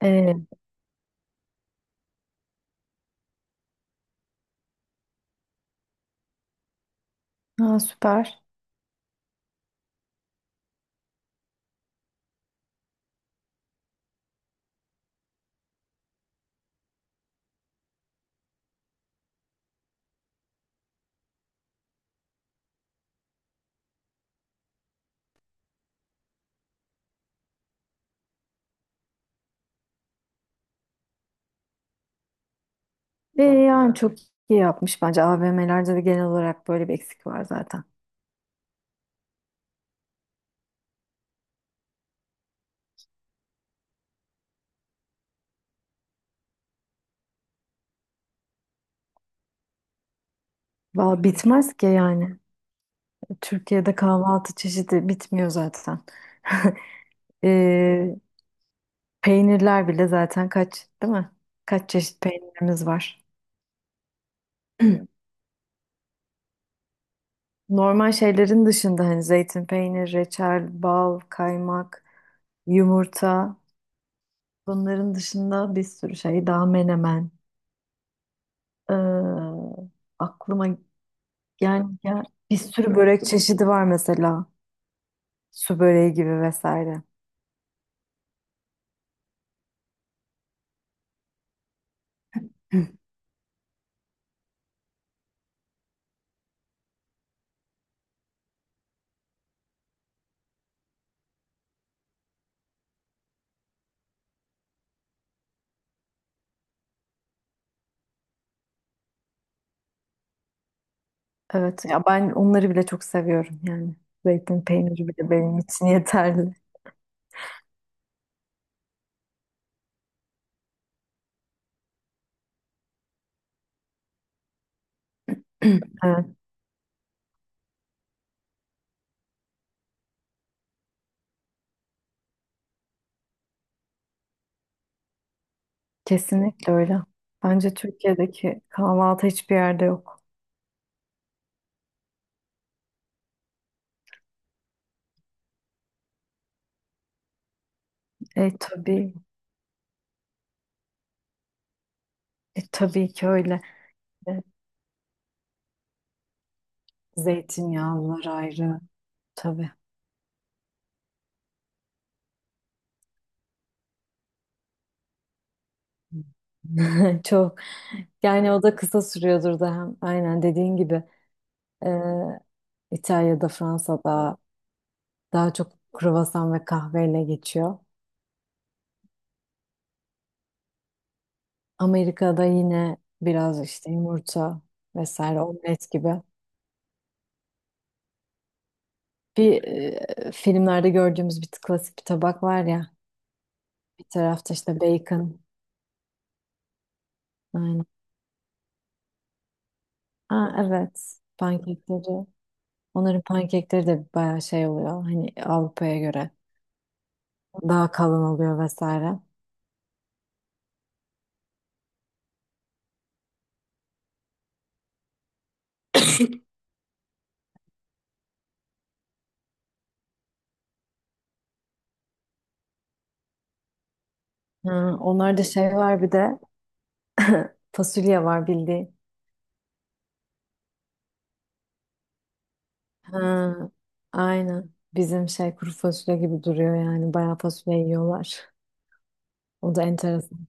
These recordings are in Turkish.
Ee, ha, süper. Yani çok iyi yapmış bence. AVM'lerde de genel olarak böyle bir eksik var zaten. Valla bitmez ki yani. Türkiye'de kahvaltı çeşidi bitmiyor zaten. Ee, Peynirler bile zaten kaç, değil mi? Kaç çeşit peynirimiz var. Normal şeylerin dışında hani zeytin peynir, reçel, bal, kaymak, yumurta. Bunların dışında bir sürü şey daha menemen. Ee, aklıma Yani ya Bir sürü börek çeşidi var mesela. Su böreği gibi vesaire. Hı. Evet ya ben onları bile çok seviyorum yani. Zeytin peyniri bile benim için yeterli. Evet, kesinlikle öyle. Bence Türkiye'deki kahvaltı hiçbir yerde yok. E tabii, tabii ki öyle. E, zeytinyağlılar ayrı. Tabii. Çok. Yani o da kısa sürüyordur da hem aynen dediğin gibi e, İtalya'da, Fransa'da daha çok kruvasan ve kahveyle geçiyor. Amerika'da yine biraz işte yumurta vesaire omlet gibi. Bir filmlerde gördüğümüz bir klasik bir tabak var ya. Bir tarafta işte bacon. Aynen. Ha, evet. Pankekleri. Onların pankekleri de bayağı şey oluyor. Hani Avrupa'ya göre daha kalın oluyor vesaire. Ha, onlarda şey var bir de fasulye var bildiğin. Ha, aynen. Bizim şey kuru fasulye gibi duruyor yani. Bayağı fasulye yiyorlar. O da enteresan.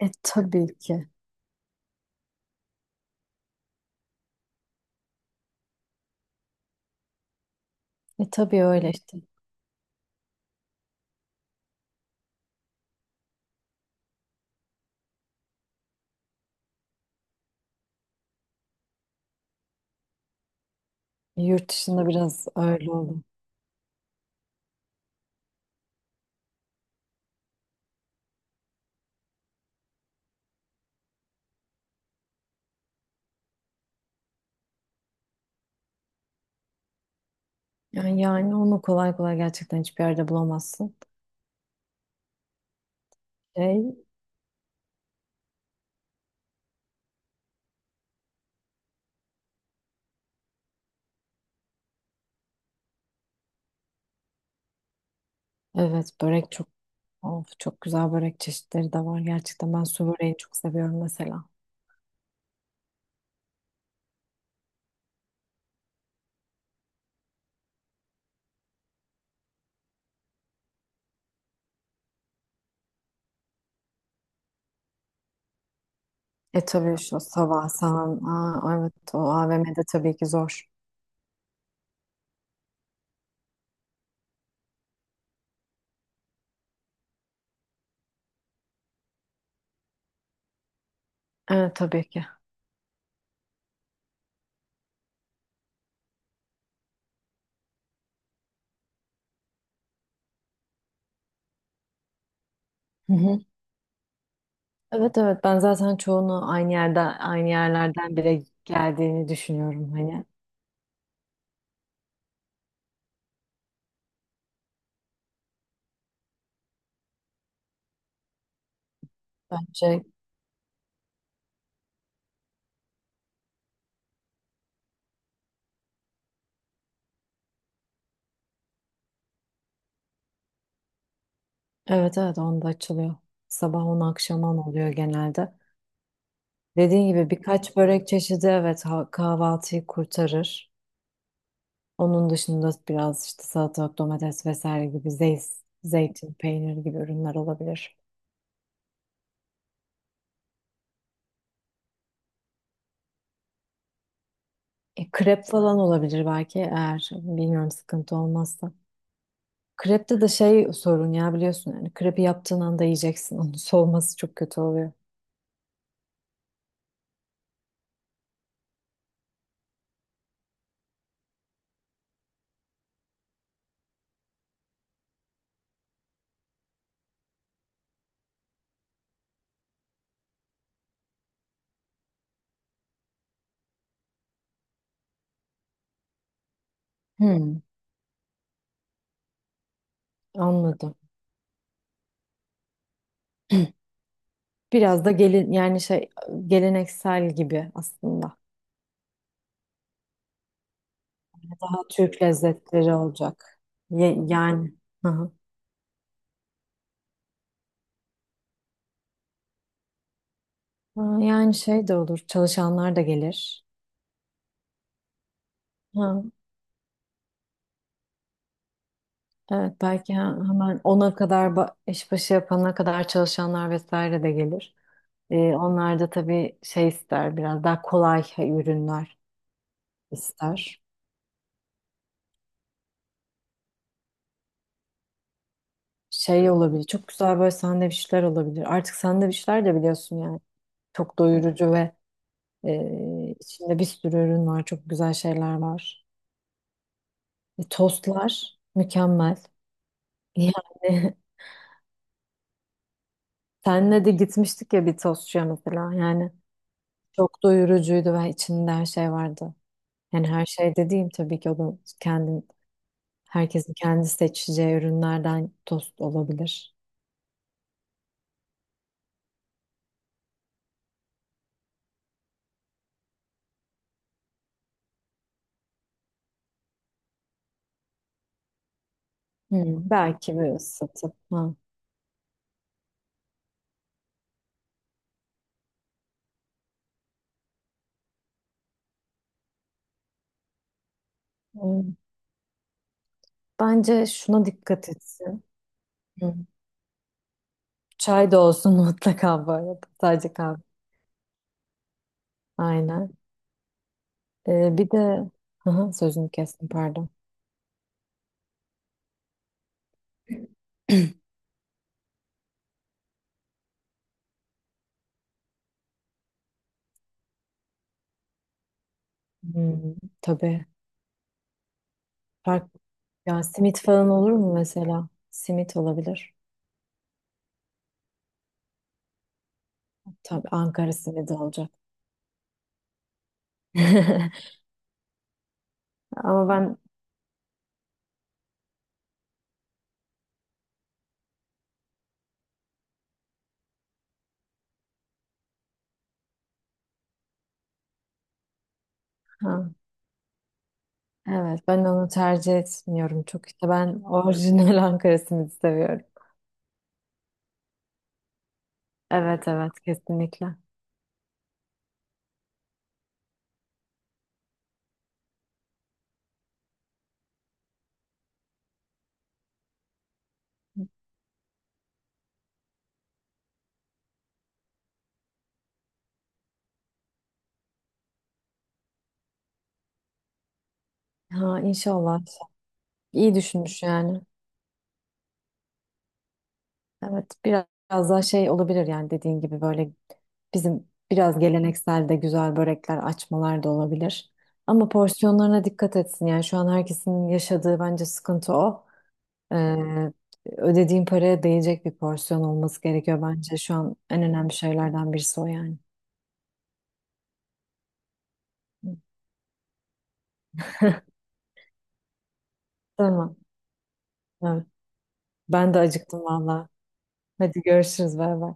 E tabii ki. E tabii öyle işte. Yurt dışında biraz öyle oldu. Yani, yani onu kolay kolay gerçekten hiçbir yerde bulamazsın. Şey, evet börek çok of, çok güzel börek çeşitleri de var. Gerçekten ben su böreğini çok seviyorum mesela. E tabii şu sabah sahan. Aa, evet o AVM'de tabii ki zor. Evet tabii ki. Evet evet ben zaten çoğunu aynı yerden aynı yerlerden bile geldiğini düşünüyorum hani. Bence evet evet onda açılıyor. Sabah 10 akşam 10 oluyor genelde. Dediğin gibi birkaç börek çeşidi evet ha- kahvaltıyı kurtarır. Onun dışında biraz işte salatalık, domates vesaire gibi zeyt, zeytin, peynir gibi ürünler olabilir. E, krep falan olabilir belki eğer bilmiyorum sıkıntı olmazsa. Krepte de şey sorun ya biliyorsun yani krepi yaptığın anda yiyeceksin onun soğuması çok kötü oluyor. Hmm. Anladım. Biraz da gelin yani şey geleneksel gibi aslında. Daha Türk lezzetleri olacak. Ye- yani hı hı. Ha, yani şey de olur. Çalışanlar da gelir. Ha, evet belki ha- hemen ona kadar ba- iş başı yapana kadar çalışanlar vesaire de gelir. Onlar da tabii şey ister biraz daha kolay ürünler ister. Şey olabilir. Çok güzel böyle sandviçler olabilir. Artık sandviçler de biliyorsun yani. Çok doyurucu ve içinde bir sürü ürün var. Çok güzel şeyler var. E, tostlar mükemmel. Yani senle de gitmiştik ya bir tostçuya mesela. Yani çok doyurucuydu ve içinde her şey vardı. Yani her şey dediğim tabii ki o da kendin, herkesin kendi seçeceği ürünlerden tost olabilir. Hmm, belki bir ısıtıp. Ha. Hmm. Bence şuna dikkat etsin. Çay da olsun mutlaka bu arada. Sadece kahve. Aynen. Bir de aha, sözünü kestim pardon. Hmm, tabii. Fark... Ya simit falan olur mu mesela? Simit olabilir. Tabii Ankara simidi olacak. Ama ben ha, evet ben onu tercih etmiyorum çok işte ben orijinal Ankara simidi seviyorum. Evet evet kesinlikle. Ha inşallah. İyi düşünmüş yani. Evet, biraz daha şey olabilir yani dediğin gibi böyle bizim biraz geleneksel de güzel börekler açmalar da olabilir. Ama porsiyonlarına dikkat etsin yani şu an herkesin yaşadığı bence sıkıntı o. Ee, Ödediğin paraya değecek bir porsiyon olması gerekiyor bence şu an en önemli şeylerden birisi o yani. Tamam. Evet. Ben de acıktım valla. Hadi görüşürüz bay bay.